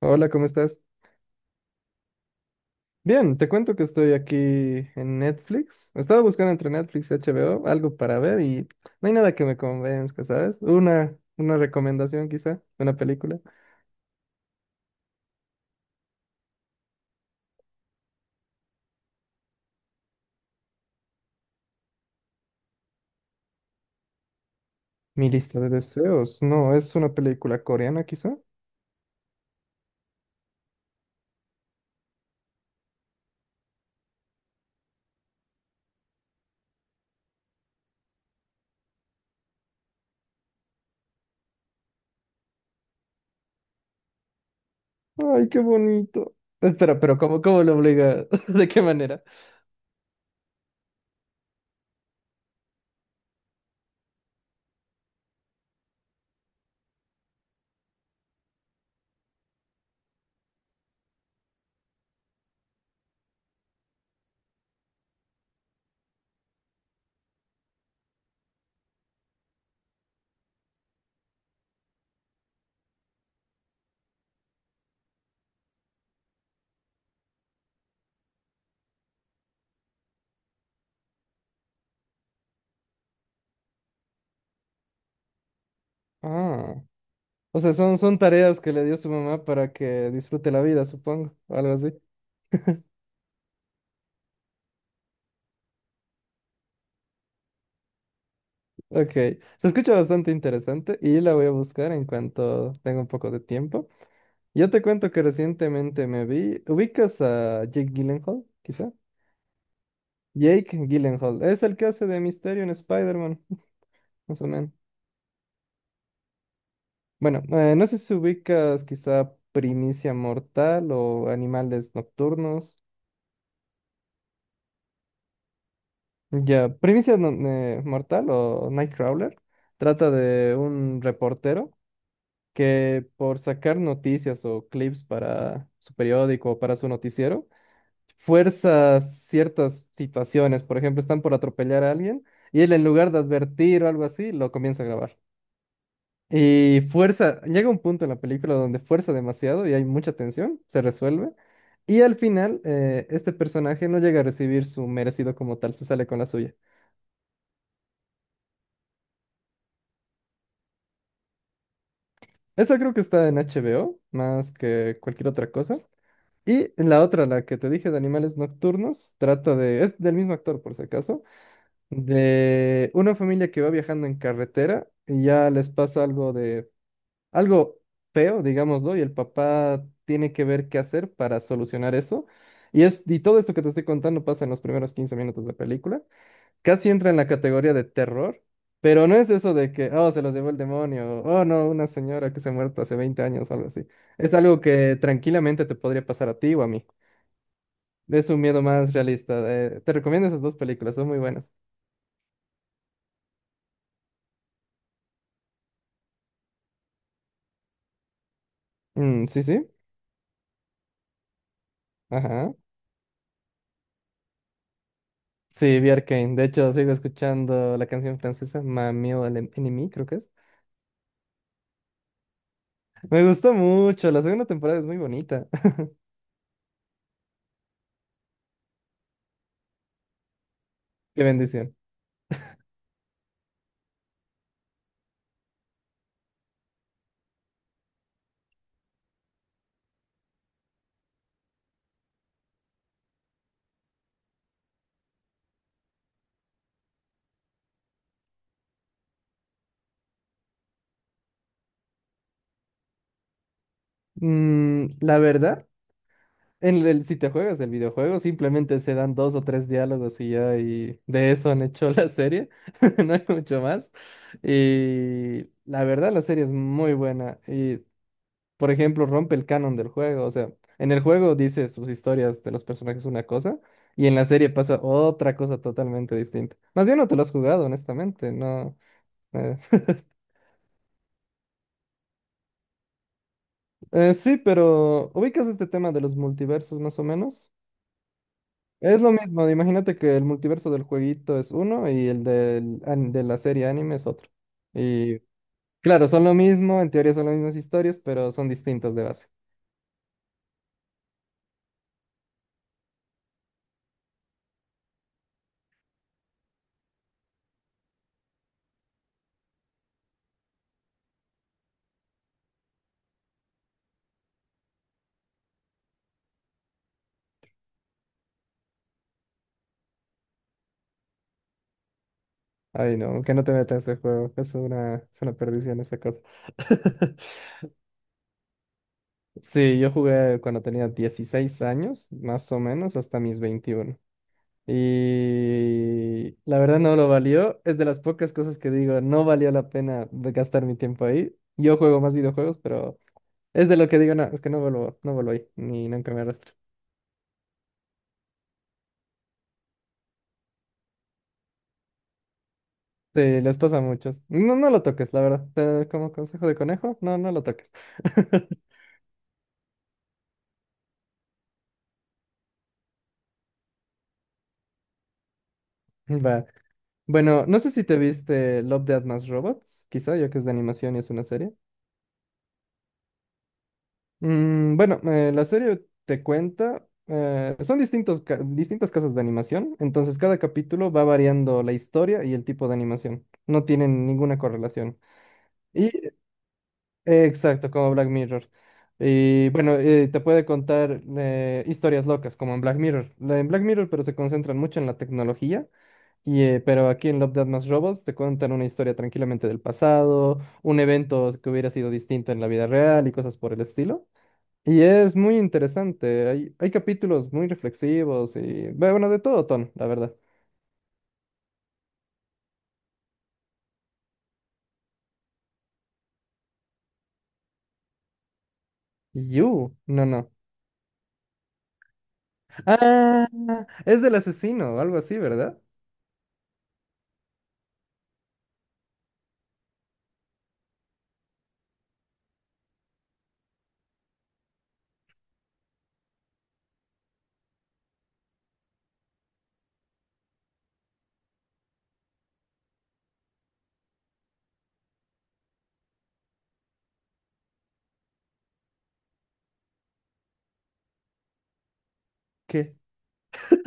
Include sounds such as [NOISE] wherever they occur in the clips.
Hola, ¿cómo estás? Bien, te cuento que estoy aquí en Netflix. Estaba buscando entre Netflix y HBO algo para ver y no hay nada que me convenzca, ¿sabes? Una recomendación quizá, una película. Mi lista de deseos. No, es una película coreana quizá. Ay, qué bonito. Espera, pero ¿cómo lo obliga? [LAUGHS] ¿De qué manera? Ah, o sea, son tareas que le dio su mamá para que disfrute la vida, supongo, o algo así. Ok, se escucha bastante interesante y la voy a buscar en cuanto tenga un poco de tiempo. Yo te cuento que recientemente me vi, ¿ubicas a Jake Gyllenhaal, quizá? Jake Gyllenhaal, es el que hace de Misterio en Spider-Man, [LAUGHS] más o menos. Bueno, no sé si ubicas quizá Primicia Mortal o Animales Nocturnos. Ya, Primicia no- Mortal o Nightcrawler trata de un reportero que por sacar noticias o clips para su periódico o para su noticiero, fuerza ciertas situaciones. Por ejemplo, están por atropellar a alguien y él en lugar de advertir o algo así, lo comienza a grabar. Y fuerza, llega un punto en la película donde fuerza demasiado y hay mucha tensión, se resuelve. Y al final, este personaje no llega a recibir su merecido como tal, se sale con la suya. Eso creo que está en HBO, más que cualquier otra cosa. Y la otra, la que te dije de animales nocturnos, trata de, es del mismo actor por si acaso, de una familia que va viajando en carretera y ya les pasa algo de, algo feo, digámoslo, y el papá tiene que ver qué hacer para solucionar eso. Y es, y todo esto que te estoy contando pasa en los primeros 15 minutos de película. Casi entra en la categoría de terror, pero no es eso de que, oh, se los llevó el demonio, oh, no, una señora que se ha muerto hace 20 años o algo así. Es algo que tranquilamente te podría pasar a ti o a mí. Es un miedo más realista. Te recomiendo esas dos películas, son muy buenas. Mm, sí, sí. Ajá. Sí, vi Arcane. De hecho, sigo escuchando la canción francesa, Mami o el Ennemi, creo que es. Me gustó mucho. La segunda temporada es muy bonita. [LAUGHS] Qué bendición. La verdad, en el, si te juegas el videojuego, simplemente se dan dos o tres diálogos y ya, y de eso han hecho la serie. [LAUGHS] No hay mucho más. Y la verdad, la serie es muy buena. Y por ejemplo, rompe el canon del juego. O sea, en el juego dice sus historias de los personajes una cosa y en la serie pasa otra cosa totalmente distinta. Más bien no te lo has jugado, honestamente, no. eh, [LAUGHS] sí, pero ubicas este tema de los multiversos más o menos. Es lo mismo, imagínate que el multiverso del jueguito es uno y el del, de la serie anime es otro. Y claro, son lo mismo, en teoría son las mismas historias, pero son distintas de base. Ay, no, que no te metas en ese juego. Es una perdición esa cosa. [LAUGHS] Sí, yo jugué cuando tenía 16 años, más o menos, hasta mis 21. Y la verdad no lo valió. Es de las pocas cosas que digo, no valió la pena de gastar mi tiempo ahí. Yo juego más videojuegos, pero es de lo que digo, no, es que no vuelvo, no vuelvo ahí, ni nunca me arrastro. Sí, les pasa a muchos. No, no lo toques, la verdad. Como consejo de conejo, no, no lo toques. [LAUGHS] Va. Bueno, no sé si te viste Love, Death Más Robots, quizá, ya que es de animación y es una serie. Bueno, la serie te cuenta, son distintos, distintas casas de animación, entonces cada capítulo va variando la historia y el tipo de animación. No tienen ninguna correlación. Y, exacto, como Black Mirror. Y bueno, te puede contar historias locas, como en Black Mirror. En Black Mirror, pero se concentran mucho en la tecnología. Y, pero aquí en Love, Death Más Robots te cuentan una historia tranquilamente del pasado, un evento que hubiera sido distinto en la vida real y cosas por el estilo. Y es muy interesante. Hay capítulos muy reflexivos y, bueno, de todo tono, la verdad. You, no, no. Ah, es del asesino, algo así, ¿verdad? ¿Qué?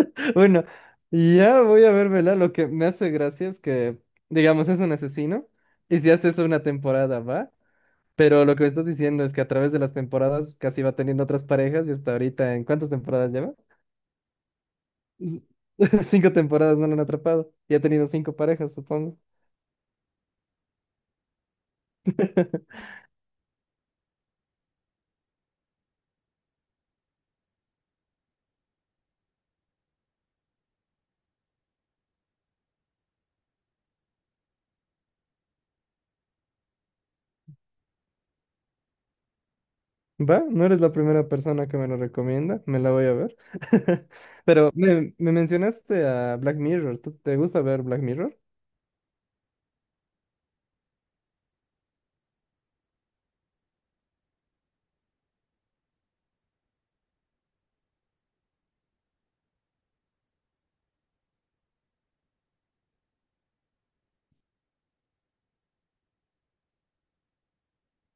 [LAUGHS] Bueno, ya voy a vermela. Lo que me hace gracia es que, digamos, es un asesino y si haces una temporada, ¿va? Pero lo que me estás diciendo es que a través de las temporadas casi va teniendo otras parejas y hasta ahorita, ¿en cuántas temporadas lleva? Z- [LAUGHS] Cinco temporadas no lo han atrapado y ha tenido cinco parejas, supongo. [LAUGHS] Va, no eres la primera persona que me lo recomienda, me la voy a ver. [LAUGHS] Pero me mencionaste a Black Mirror, ¿tú te gusta ver Black Mirror?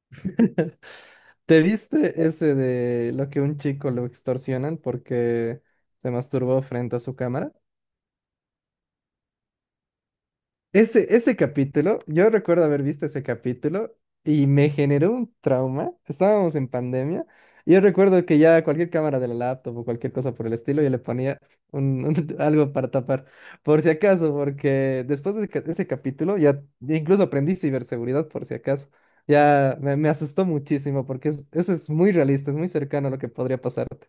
[LAUGHS] ¿Te viste ese de lo que un chico lo extorsionan porque se masturbó frente a su cámara? Ese capítulo, yo recuerdo haber visto ese capítulo y me generó un trauma. Estábamos en pandemia. Y yo recuerdo que ya cualquier cámara de la laptop o cualquier cosa por el estilo, yo le ponía [LAUGHS] algo para tapar, por si acaso, porque después de ese capítulo ya incluso aprendí ciberseguridad por si acaso. Ya me asustó muchísimo porque eso es muy realista, es muy cercano a lo que podría pasarte.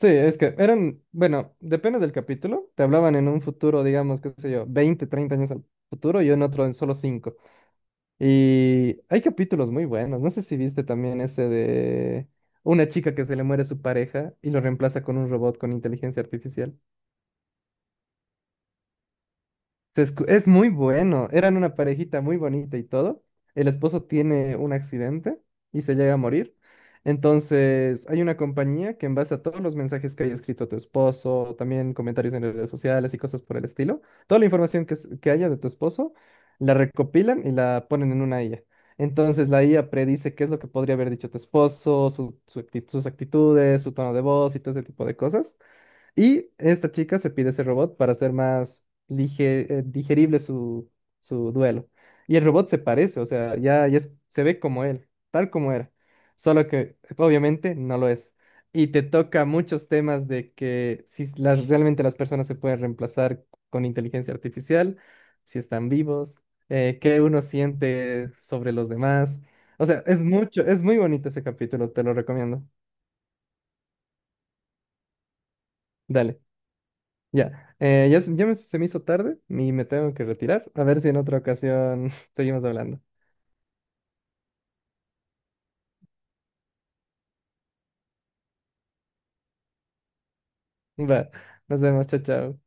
Sí, es que eran, bueno, depende del capítulo, te hablaban en un futuro, digamos, qué sé yo, 20, 30 años al futuro y en otro en solo 5. Y hay capítulos muy buenos, no sé si viste también ese de una chica que se le muere su pareja y lo reemplaza con un robot con inteligencia artificial. Es muy bueno. Eran una parejita muy bonita y todo. El esposo tiene un accidente y se llega a morir. Entonces, hay una compañía que en base a todos los mensajes que haya escrito tu esposo, también comentarios en redes sociales y cosas por el estilo, toda la información que, que haya de tu esposo, la recopilan y la ponen en una IA. Entonces, la IA predice qué es lo que podría haber dicho tu esposo, sus actitudes, su tono de voz y todo ese tipo de cosas. Y esta chica se pide ese robot para hacer más digerible su, duelo. Y el robot se parece, o sea, ya, ya se ve como él, tal como era. Solo que obviamente no lo es. Y te toca muchos temas de que si las, realmente las personas se pueden reemplazar con inteligencia artificial, si están vivos, qué uno siente sobre los demás. O sea, es mucho, es muy bonito ese capítulo, te lo recomiendo. Dale. Ya, se me hizo tarde y me tengo que retirar. A ver si en otra ocasión [LAUGHS] seguimos hablando. Va, nos vemos, chao, chao.